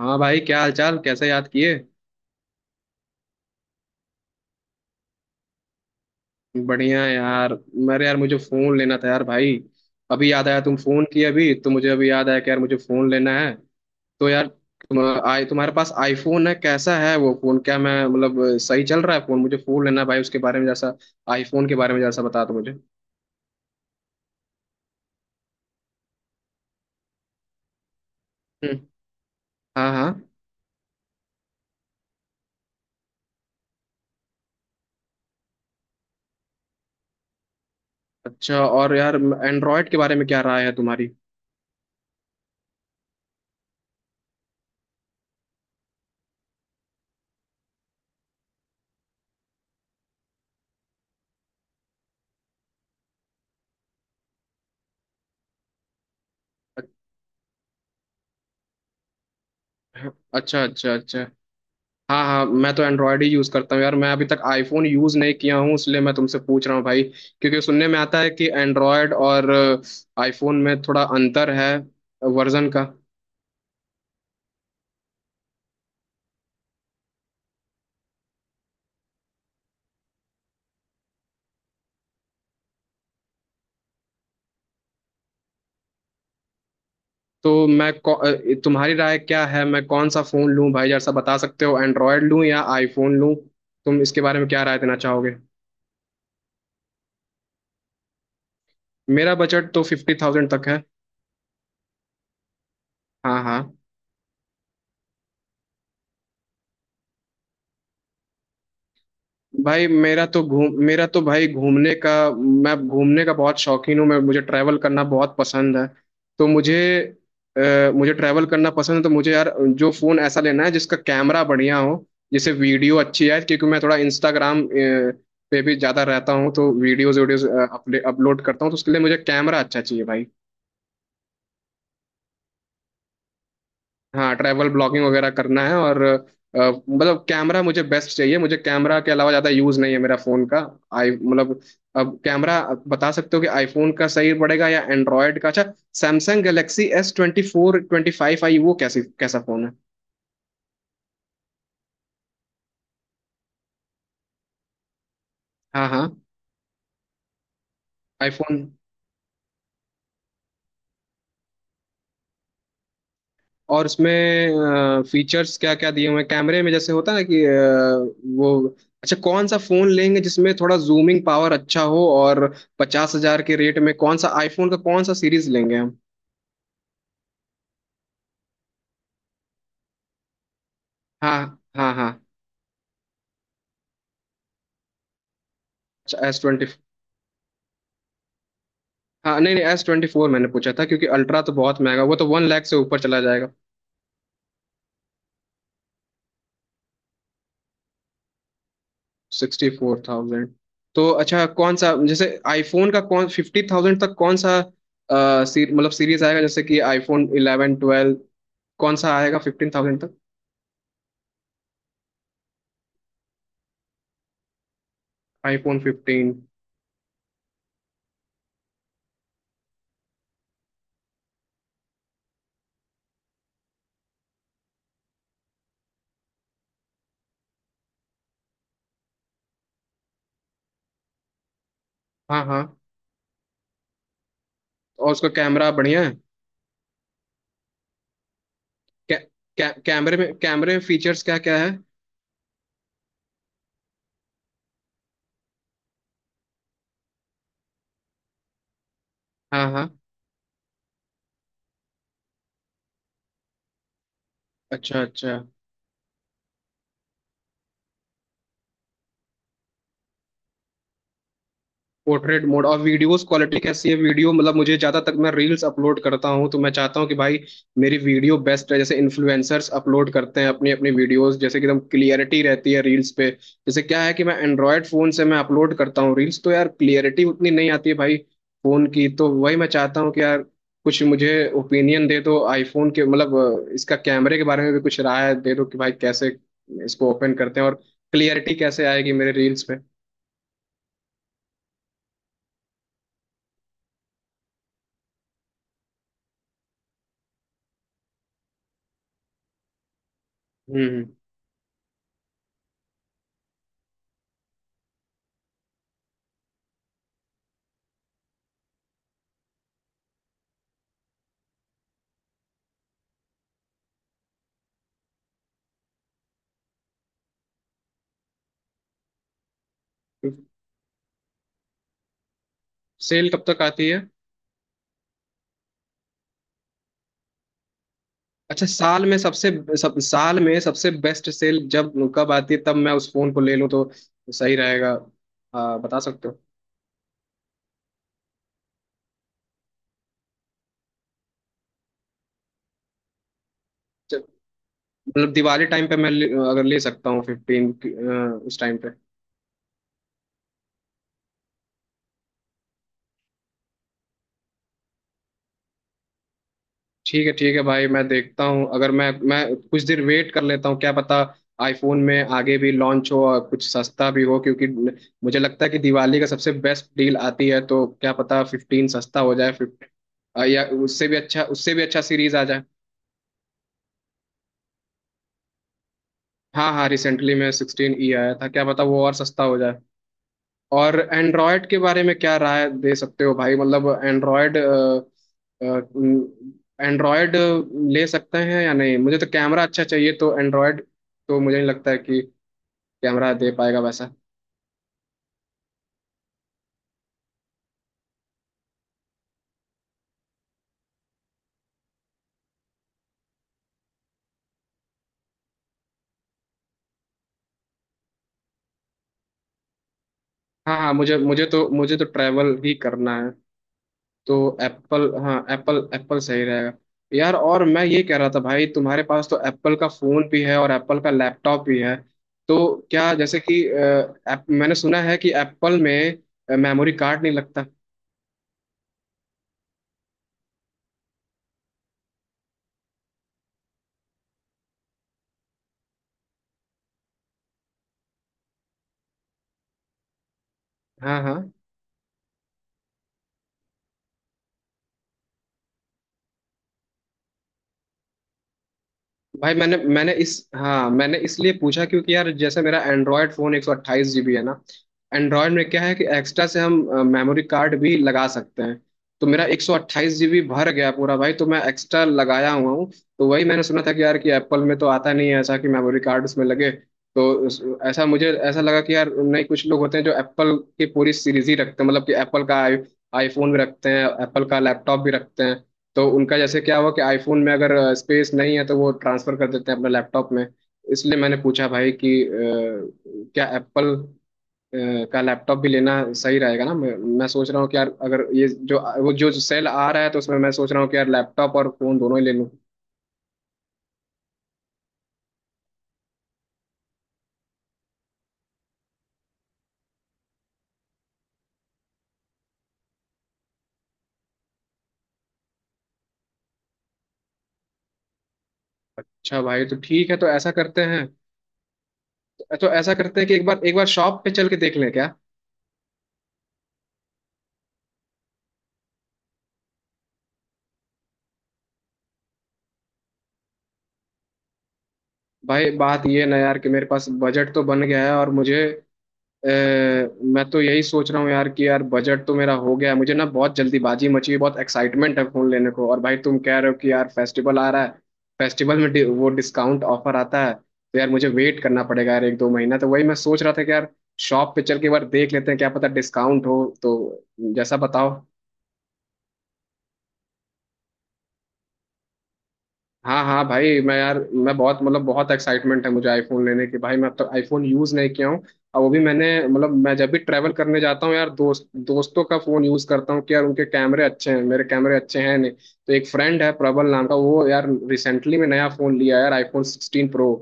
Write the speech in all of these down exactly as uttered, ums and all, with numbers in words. हाँ भाई, क्या हाल चाल? कैसे याद किए? बढ़िया है यार। मेरे यार, मुझे फोन लेना था यार भाई। अभी याद आया, तुम फोन किए अभी, तो मुझे अभी याद आया कि यार मुझे फोन लेना है। तो यार, तुम आई तुम्हारे पास आईफोन है? कैसा है वो फोन? क्या मैं, मतलब, सही चल रहा है फोन? मुझे फोन लेना है भाई, उसके बारे में, जैसा आईफोन के बारे में, जैसा बता दो मुझे। हम्म। हाँ हाँ। अच्छा, और यार एंड्रॉयड के बारे में क्या राय है तुम्हारी? अच्छा अच्छा अच्छा। हाँ हाँ, मैं तो एंड्रॉयड ही यूज करता हूँ यार, मैं अभी तक आईफोन यूज नहीं किया हूँ, इसलिए मैं तुमसे पूछ रहा हूँ भाई। क्योंकि सुनने में आता है कि एंड्रॉयड और आईफोन में थोड़ा अंतर है, वर्जन का। तो मैं कौ- अ, तुम्हारी राय क्या है? मैं कौन सा फोन लूँ भाई? जरा सा बता सकते हो, एंड्रॉयड लूँ या आईफोन लूँ? तुम इसके बारे में क्या राय देना चाहोगे? मेरा बजट तो फिफ्टी थाउजेंड तक है। हाँ हाँ। भाई मेरा तो घूम मेरा तो भाई घूमने का। मैं घूमने का बहुत शौकीन हूँ। मैं मुझे ट्रैवल करना बहुत पसंद है। तो मुझे अ, मुझे ट्रैवल करना पसंद है, तो मुझे यार जो फ़ोन ऐसा लेना है जिसका कैमरा बढ़िया हो, जिससे वीडियो अच्छी आए, क्योंकि मैं थोड़ा इंस्टाग्राम पे भी ज़्यादा रहता हूँ, तो वीडियोज़ वीडियोज़ अपलोड करता हूँ, तो उसके लिए मुझे कैमरा अच्छा चाहिए भाई। हाँ, ट्रैवल ब्लॉगिंग वगैरह करना है और अ, मतलब कैमरा मुझे बेस्ट चाहिए। मुझे कैमरा के अलावा ज़्यादा यूज़ नहीं है मेरा फ़ोन का। आई मतलब, अब कैमरा, बता सकते हो कि आईफोन का सही पड़ेगा या एंड्रॉयड का अच्छा? Samsung Galaxy S twenty four twenty five, आई वो कैसी कैसा फ़ोन है? हाँ हाँ, आईफोन। और उसमें फीचर्स क्या क्या दिए हुए हैं कैमरे में, जैसे होता है ना कि अ, वो, अच्छा कौन सा फ़ोन लेंगे जिसमें थोड़ा जूमिंग पावर अच्छा हो? और पचास हजार के रेट में कौन सा आईफोन का कौन सा सीरीज लेंगे हम? हाँ हाँ हाँ। अच्छा, एस ट्वेंटी। हाँ नहीं नहीं, एस ट्वेंटी फोर मैंने पूछा था, क्योंकि अल्ट्रा तो बहुत महंगा, वो तो वन लाख से ऊपर चला जाएगा। Sixty four thousand. तो अच्छा, कौन सा जैसे आईफोन का कौन फिफ्टी थाउजेंड तक कौन सा अ, सी, मतलब सीरीज आएगा, जैसे कि आईफोन इलेवन ट्वेल्व? कौन सा आएगा फिफ्टीन थाउजेंड तक? IPhone fifteen. हाँ हाँ, और उसका कैमरा बढ़िया है? कै, कै, कैमरे में कैमरे में फीचर्स क्या क्या है? हाँ हाँ, अच्छा अच्छा। पोर्ट्रेट मोड और वीडियोस क्वालिटी कैसी है? वीडियो, मतलब, मुझे ज्यादा तक मैं रील्स अपलोड करता हूँ, तो मैं चाहता हूँ कि भाई मेरी वीडियो बेस्ट है, जैसे इन्फ्लुएंसर्स अपलोड करते हैं अपनी अपनी वीडियोस, जैसे कि एकदम क्लियरिटी रहती है रील्स पे। जैसे क्या है कि मैं एंड्रॉयड फोन से मैं अपलोड करता हूँ रील्स, तो यार क्लियरिटी उतनी नहीं आती है भाई, फोन की। तो वही मैं चाहता हूँ कि यार, कुछ मुझे ओपिनियन दे दो आईफोन के, मतलब अ, इसका कैमरे के बारे में भी कुछ राय दे दो कि भाई कैसे इसको ओपन करते हैं और क्लियरिटी कैसे आएगी मेरे रील्स पे। हम्म। सेल कब तक आती है? अच्छा, साल में सबसे सब, साल में सबसे बेस्ट सेल जब कब आती है, तब मैं उस फोन को ले लूँ तो सही रहेगा? हाँ, बता सकते हो? च- मतलब दिवाली टाइम पे मैं ले, अगर ले सकता हूँ फिफ्टीन उस टाइम पे? ठीक है ठीक है भाई, मैं देखता हूँ, अगर मैं मैं कुछ देर वेट कर लेता हूँ, क्या पता आईफोन में आगे भी लॉन्च हो और कुछ सस्ता भी हो, क्योंकि मुझे लगता है कि दिवाली का सबसे बेस्ट डील आती है, तो क्या पता फिफ्टीन सस्ता हो जाए फिफ्टीन, या उससे भी अच्छा, उससे भी अच्छा सीरीज आ जाए। हाँ हाँ, रिसेंटली में सिक्सटीन ई आया था, क्या पता वो और सस्ता हो जाए। और एंड्रॉयड के बारे में क्या राय दे सकते हो भाई? मतलब एंड्रॉयड एंड्रॉयड ले सकते हैं या नहीं? मुझे तो कैमरा अच्छा चाहिए, तो एंड्रॉयड तो मुझे नहीं लगता है कि कैमरा दे पाएगा वैसा। हाँ हाँ, मुझे मुझे तो मुझे तो ट्रैवल ही करना है, तो एप्पल। हाँ, एप्पल एप्पल सही रहेगा। यार, और मैं ये कह रहा था भाई, तुम्हारे पास तो एप्पल का फोन भी है और एप्पल का लैपटॉप भी है, तो क्या, जैसे कि अ, app- मैंने सुना है कि एप्पल में मेमोरी कार्ड नहीं लगता? हाँ हाँ भाई, मैंने मैंने इस हाँ मैंने इसलिए पूछा, क्योंकि यार जैसे मेरा एंड्रॉयड फ़ोन एक सौ अट्ठाईस जीबी है ना। एंड्रॉयड में क्या है कि एक्स्ट्रा से हम मेमोरी कार्ड भी लगा सकते हैं। तो मेरा एक सौ अट्ठाईस जीबी भर गया पूरा भाई, तो मैं एक्स्ट्रा लगाया हुआ हूँ। तो वही मैंने सुना था कि यार, कि एप्पल में तो आता नहीं है ऐसा कि मेमोरी कार्ड उसमें लगे, तो उस- ऐसा मुझे ऐसा लगा कि यार, नहीं, कुछ लोग होते हैं जो एप्पल की पूरी सीरीज ही रखते हैं, मतलब कि एप्पल का आई आईफोन भी रखते हैं, एप्पल का लैपटॉप भी रखते हैं। तो उनका जैसे क्या हुआ कि आईफोन में अगर स्पेस नहीं है तो वो ट्रांसफर कर देते हैं अपने लैपटॉप में। इसलिए मैंने पूछा भाई कि अ, क्या एप्पल का लैपटॉप भी लेना सही रहेगा ना। मैं, मैं सोच रहा हूँ कि यार, अगर ये जो वो जो सेल आ रहा है, तो उसमें मैं सोच रहा हूँ कि यार लैपटॉप और फोन दोनों ही ले लूँ। अच्छा भाई तो ठीक है, तो ऐसा करते हैं तो ऐसा करते हैं कि एक बार एक बार शॉप पे चल के देख लें क्या? भाई बात ये ना यार, कि मेरे पास बजट तो बन गया है और मुझे अ, मैं तो यही सोच रहा हूँ यार, कि यार बजट तो मेरा हो गया है, मुझे ना बहुत जल्दीबाजी मची है, बहुत एक्साइटमेंट है फोन लेने को, और भाई तुम कह रहे हो कि यार फेस्टिवल आ रहा है, फेस्टिवल में डि, वो डिस्काउंट ऑफर आता है, तो यार मुझे वेट करना पड़ेगा यार एक दो महीना। तो वही मैं सोच रहा था कि यार शॉप पे चल के एक बार देख लेते हैं, क्या पता डिस्काउंट हो तो, जैसा बताओ। हाँ हाँ भाई, मैं यार मैं बहुत, मतलब बहुत एक्साइटमेंट है मुझे आईफोन लेने की भाई, मैं अब तक आईफोन यूज़ नहीं किया हूँ। और वो भी मैंने, मतलब मैं जब भी ट्रैवल करने जाता हूँ यार, दोस्त दोस्तों का फ़ोन यूज़ करता हूँ कि यार उनके कैमरे अच्छे हैं, मेरे कैमरे अच्छे हैं नहीं। तो एक फ्रेंड है प्रबल नाम का, वो यार रिसेंटली में नया फ़ोन लिया यार, आईफोन सिक्सटीन प्रो।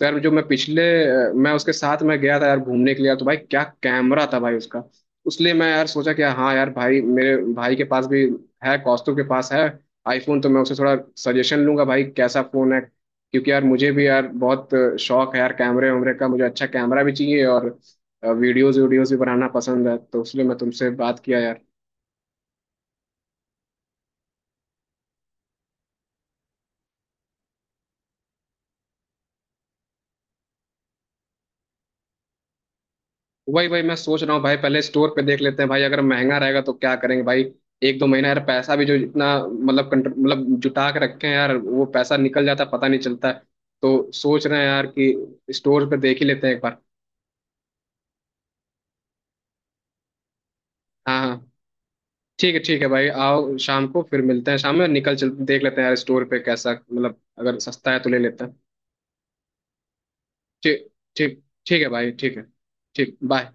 तो यार जो मैं पिछले अ, मैं उसके साथ मैं गया था यार घूमने के लिए, तो भाई क्या कैमरा था भाई उसका। उसलिए मैं यार सोचा कि हाँ यार भाई, मेरे भाई के पास भी है, कौस्तुभ के पास है आईफोन, तो मैं उससे थोड़ा सजेशन लूंगा भाई, कैसा फोन है, क्योंकि यार मुझे भी यार बहुत अ, शौक है यार कैमरे वैमरे का, मुझे अच्छा कैमरा भी चाहिए और वीडियोस वीडियोस भी बनाना पसंद है, तो इसलिए मैं तुमसे बात किया यार। वही वही मैं सोच रहा हूँ भाई, पहले स्टोर पे देख लेते हैं भाई, अगर महंगा रहेगा तो क्या करेंगे भाई, एक दो महीना यार, पैसा भी जो इतना, मतलब कंट्र- मतलब जुटा के रखे हैं यार, वो पैसा निकल जाता है, पता नहीं चलता है। तो सोच रहे हैं यार कि स्टोर पे देख ही लेते हैं एक बार। हाँ हाँ। ठीक है ठीक है भाई, आओ शाम को फिर मिलते हैं, शाम में निकल चल, देख लेते हैं यार स्टोर पे कैसा, मतलब अगर सस्ता है तो ले लेते हैं। ठीक ठीक ठीक है भाई, ठीक है, ठीक, बाय।